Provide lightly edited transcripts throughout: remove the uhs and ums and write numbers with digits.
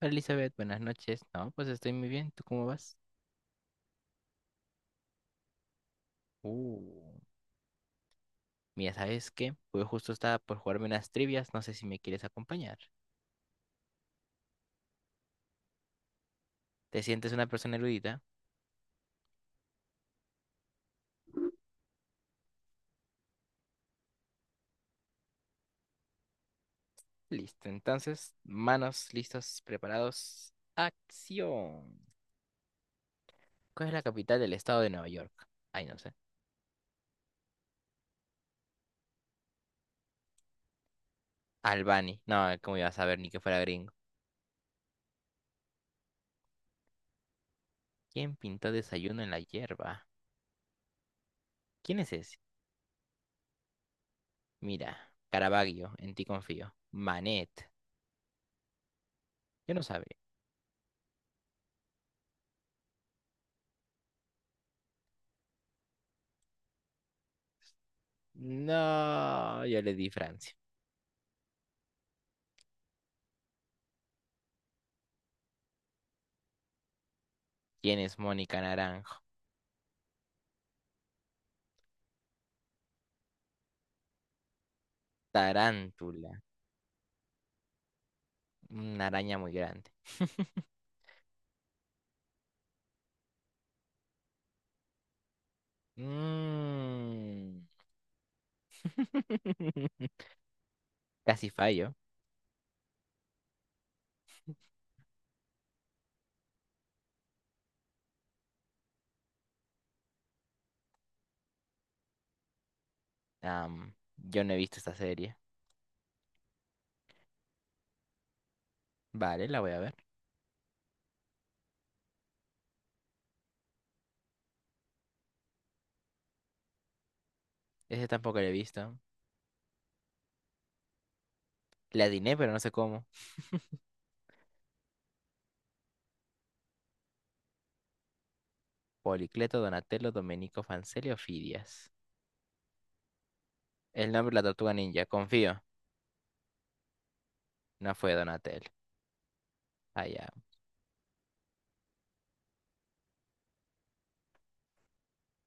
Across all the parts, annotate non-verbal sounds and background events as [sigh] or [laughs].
Hola, Elizabeth, buenas noches. No, pues estoy muy bien. ¿Tú cómo vas? Uh, Mira, ¿sabes qué? Pues justo estaba por jugarme unas trivias. No sé si me quieres acompañar. ¿Te sientes una persona erudita? Listo. Entonces, manos listos, preparados. Acción. ¿Cuál es la capital del estado de Nueva York? Ay, no sé. Albany. No, ¿cómo ibas a saber ni que fuera gringo? ¿Quién pintó desayuno en la hierba? ¿Quién es ese? Mira, Caravaggio, en ti confío. Manet. Yo no sabía. No, yo le di Francia. ¿Quién es Mónica Naranjo? Tarántula, una araña muy grande. [laughs] Mm. [laughs] Casi fallo. Yo no he visto esta serie. Vale, la voy a ver. Ese tampoco la he visto. La adiné, pero no sé cómo. Policleto, Donatello, Domenico, Fancelio, Fidias. El nombre de la tortuga ninja, confío. No fue Donatello. Allá.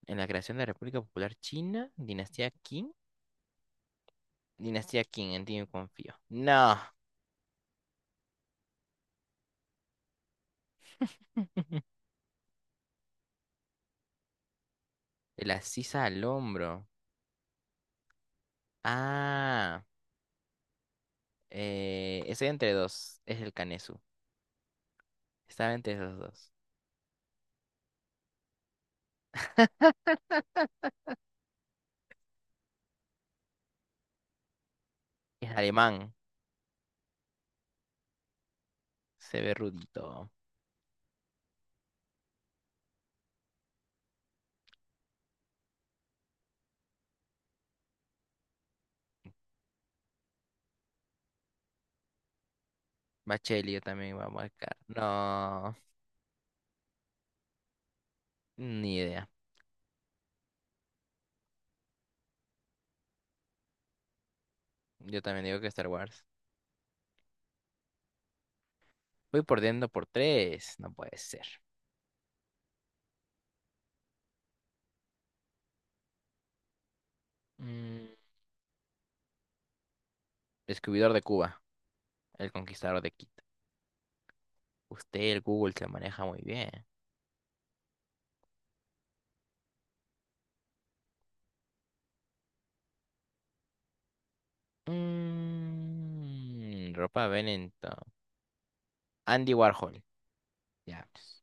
En la creación de la República Popular China, Dinastía Qing. Dinastía Qing, en ti yo confío. No, de la sisa al hombro. Ah, estoy entre dos. Es el Canesu. Estaba entre esos dos. Es alemán. Se ve rudito. Bacheli, yo también iba a marcar. No, ni idea. Yo también digo que Star Wars. Voy perdiendo por tres. No puede ser. Mm, descubridor de Cuba. El conquistador de Quito. Usted, el Google, se maneja muy bien. Mm, ropa Benetton. Andy Warhol. Ya, pues.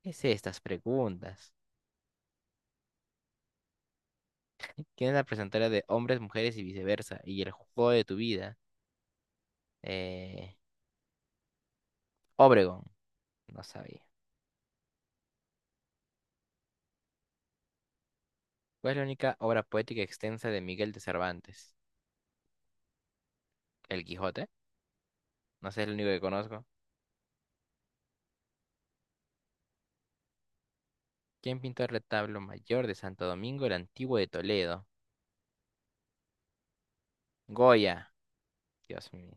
¿Qué es estas preguntas? ¿Quién es la presentadora de Hombres, Mujeres y Viceversa? Y El Juego de tu Vida. Eh, Obregón, no sabía. ¿Cuál es la única obra poética extensa de Miguel de Cervantes? El Quijote, no sé, es el único que conozco. ¿Quién pintó el retablo mayor de Santo Domingo el Antiguo de Toledo? Goya, Dios mío.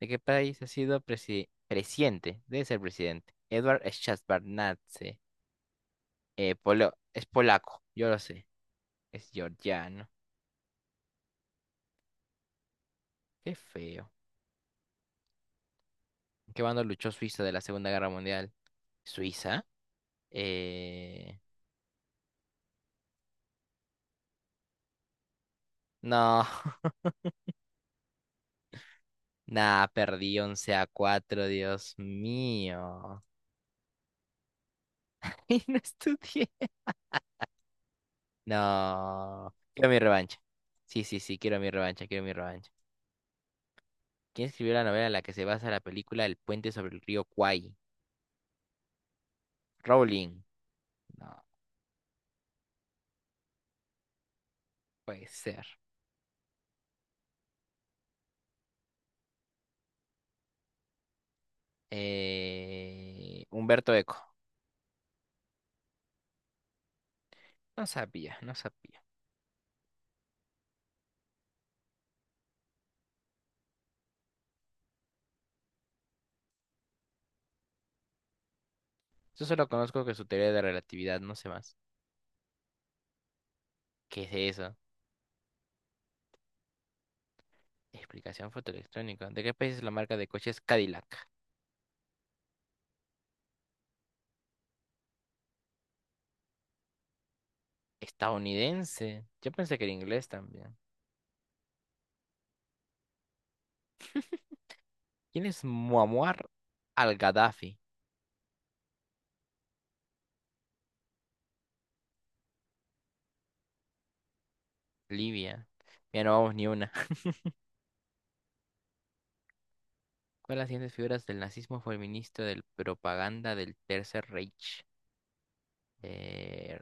¿De qué país ha sido presidente? Debe ser presidente. Edward Szewczarnadze. Es polaco, yo lo sé. Es georgiano. Qué feo. ¿Qué bando luchó Suiza de la Segunda Guerra Mundial? ¿Suiza? Eh... No. [laughs] Nah, perdí 11 a 4, Dios mío. [laughs] Y no estudié. No. Quiero mi revancha. Sí, sí, sí, quiero mi revancha, quiero mi revancha. ¿Quién escribió la novela en la que se basa la película El puente sobre el río Kwai? Rowling. No, puede ser. Humberto Eco. No sabía, no sabía. Yo solo conozco que su teoría de relatividad, no sé más. ¿Qué es eso? Explicación fotoelectrónica. ¿De qué país es la marca de coches Cadillac? Estadounidense. Yo pensé que era inglés también. ¿Quién es Muammar al-Gaddafi? Libia. Ya no vamos ni una. [laughs] ¿Cuál de las siguientes figuras del nazismo fue el ministro de propaganda del Tercer Reich? Eh,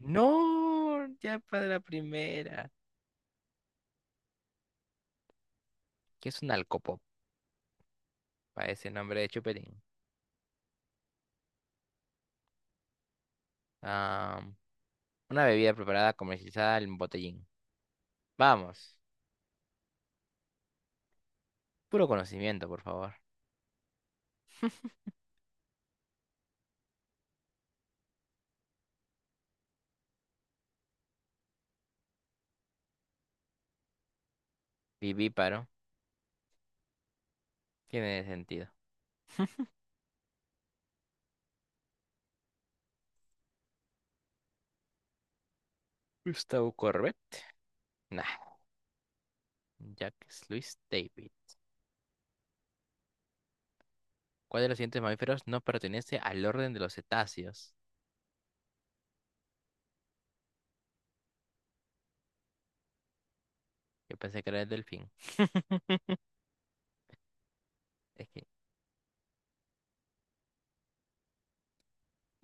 No, ya para la primera. ¿Qué es un alcopop? Para ese nombre de chupetín. Ah, una bebida preparada comercializada en botellín. Vamos. Puro conocimiento, por favor. Viví. Tiene sentido. Gustavo Corbett. Nah. Jacques Louis David. ¿Cuál de los siguientes mamíferos no pertenece al orden de los cetáceos? Yo pensé que era el delfín. [laughs] Es que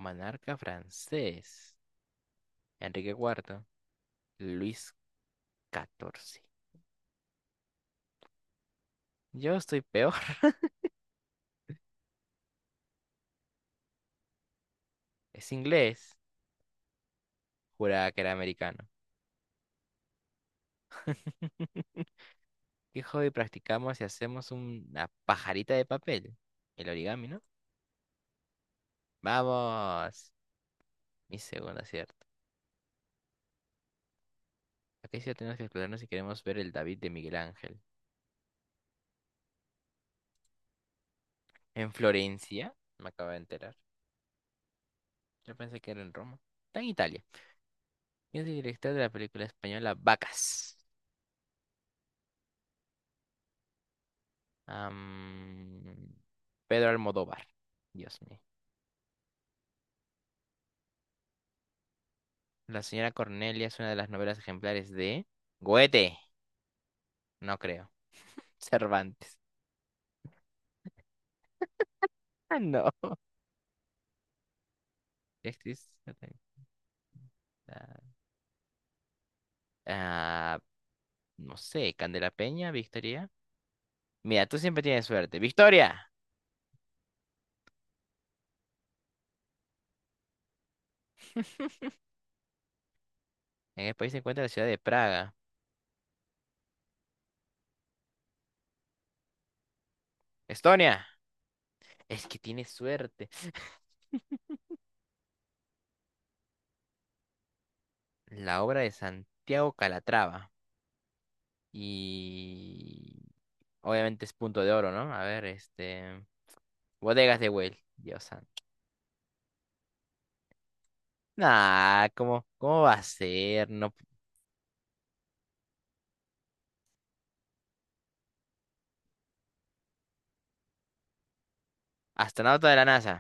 monarca francés. Enrique IV. Luis XIV. Yo estoy peor. [laughs] Es inglés. Juraba que era americano. [laughs] ¿Qué hobby practicamos si hacemos una pajarita de papel? El origami, ¿no? ¡Vamos! Mi segundo acierto. Acá sí tenemos que explorarnos si queremos ver el David de Miguel Ángel. En Florencia, me acabo de enterar. Yo pensé que era en Roma. Está en Italia. ¿Quién es el director de la película española Vacas? Am, Pedro Almodóvar. Dios mío. La señora Cornelia es una de las novelas ejemplares de Goethe. No creo. [laughs] Cervantes. Ah, no. ¿Qué actriz? Ah, ah, no sé, Candela Peña, Victoria. Mira, tú siempre tienes suerte. ¡Victoria! En el país se encuentra la ciudad de Praga. Estonia, es que tiene suerte. [laughs] La obra de Santiago Calatrava. Y obviamente es punto de oro, ¿no? A ver, este. Bodegas de Güell, Dios santo. Nah, ¿cómo, cómo va a ser? No, p- astronauta de la NASA.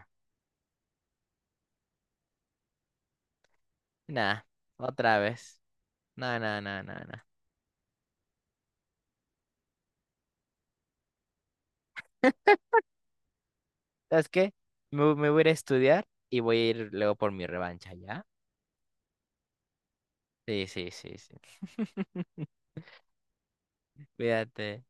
Nah, otra vez. Nah, nah, nah, nah, nah. ¿Sabes qué? Me voy a ir a estudiar y voy a ir luego por mi revancha, ¿ya? Sí, sí, sí, sí. [laughs] Cuídate.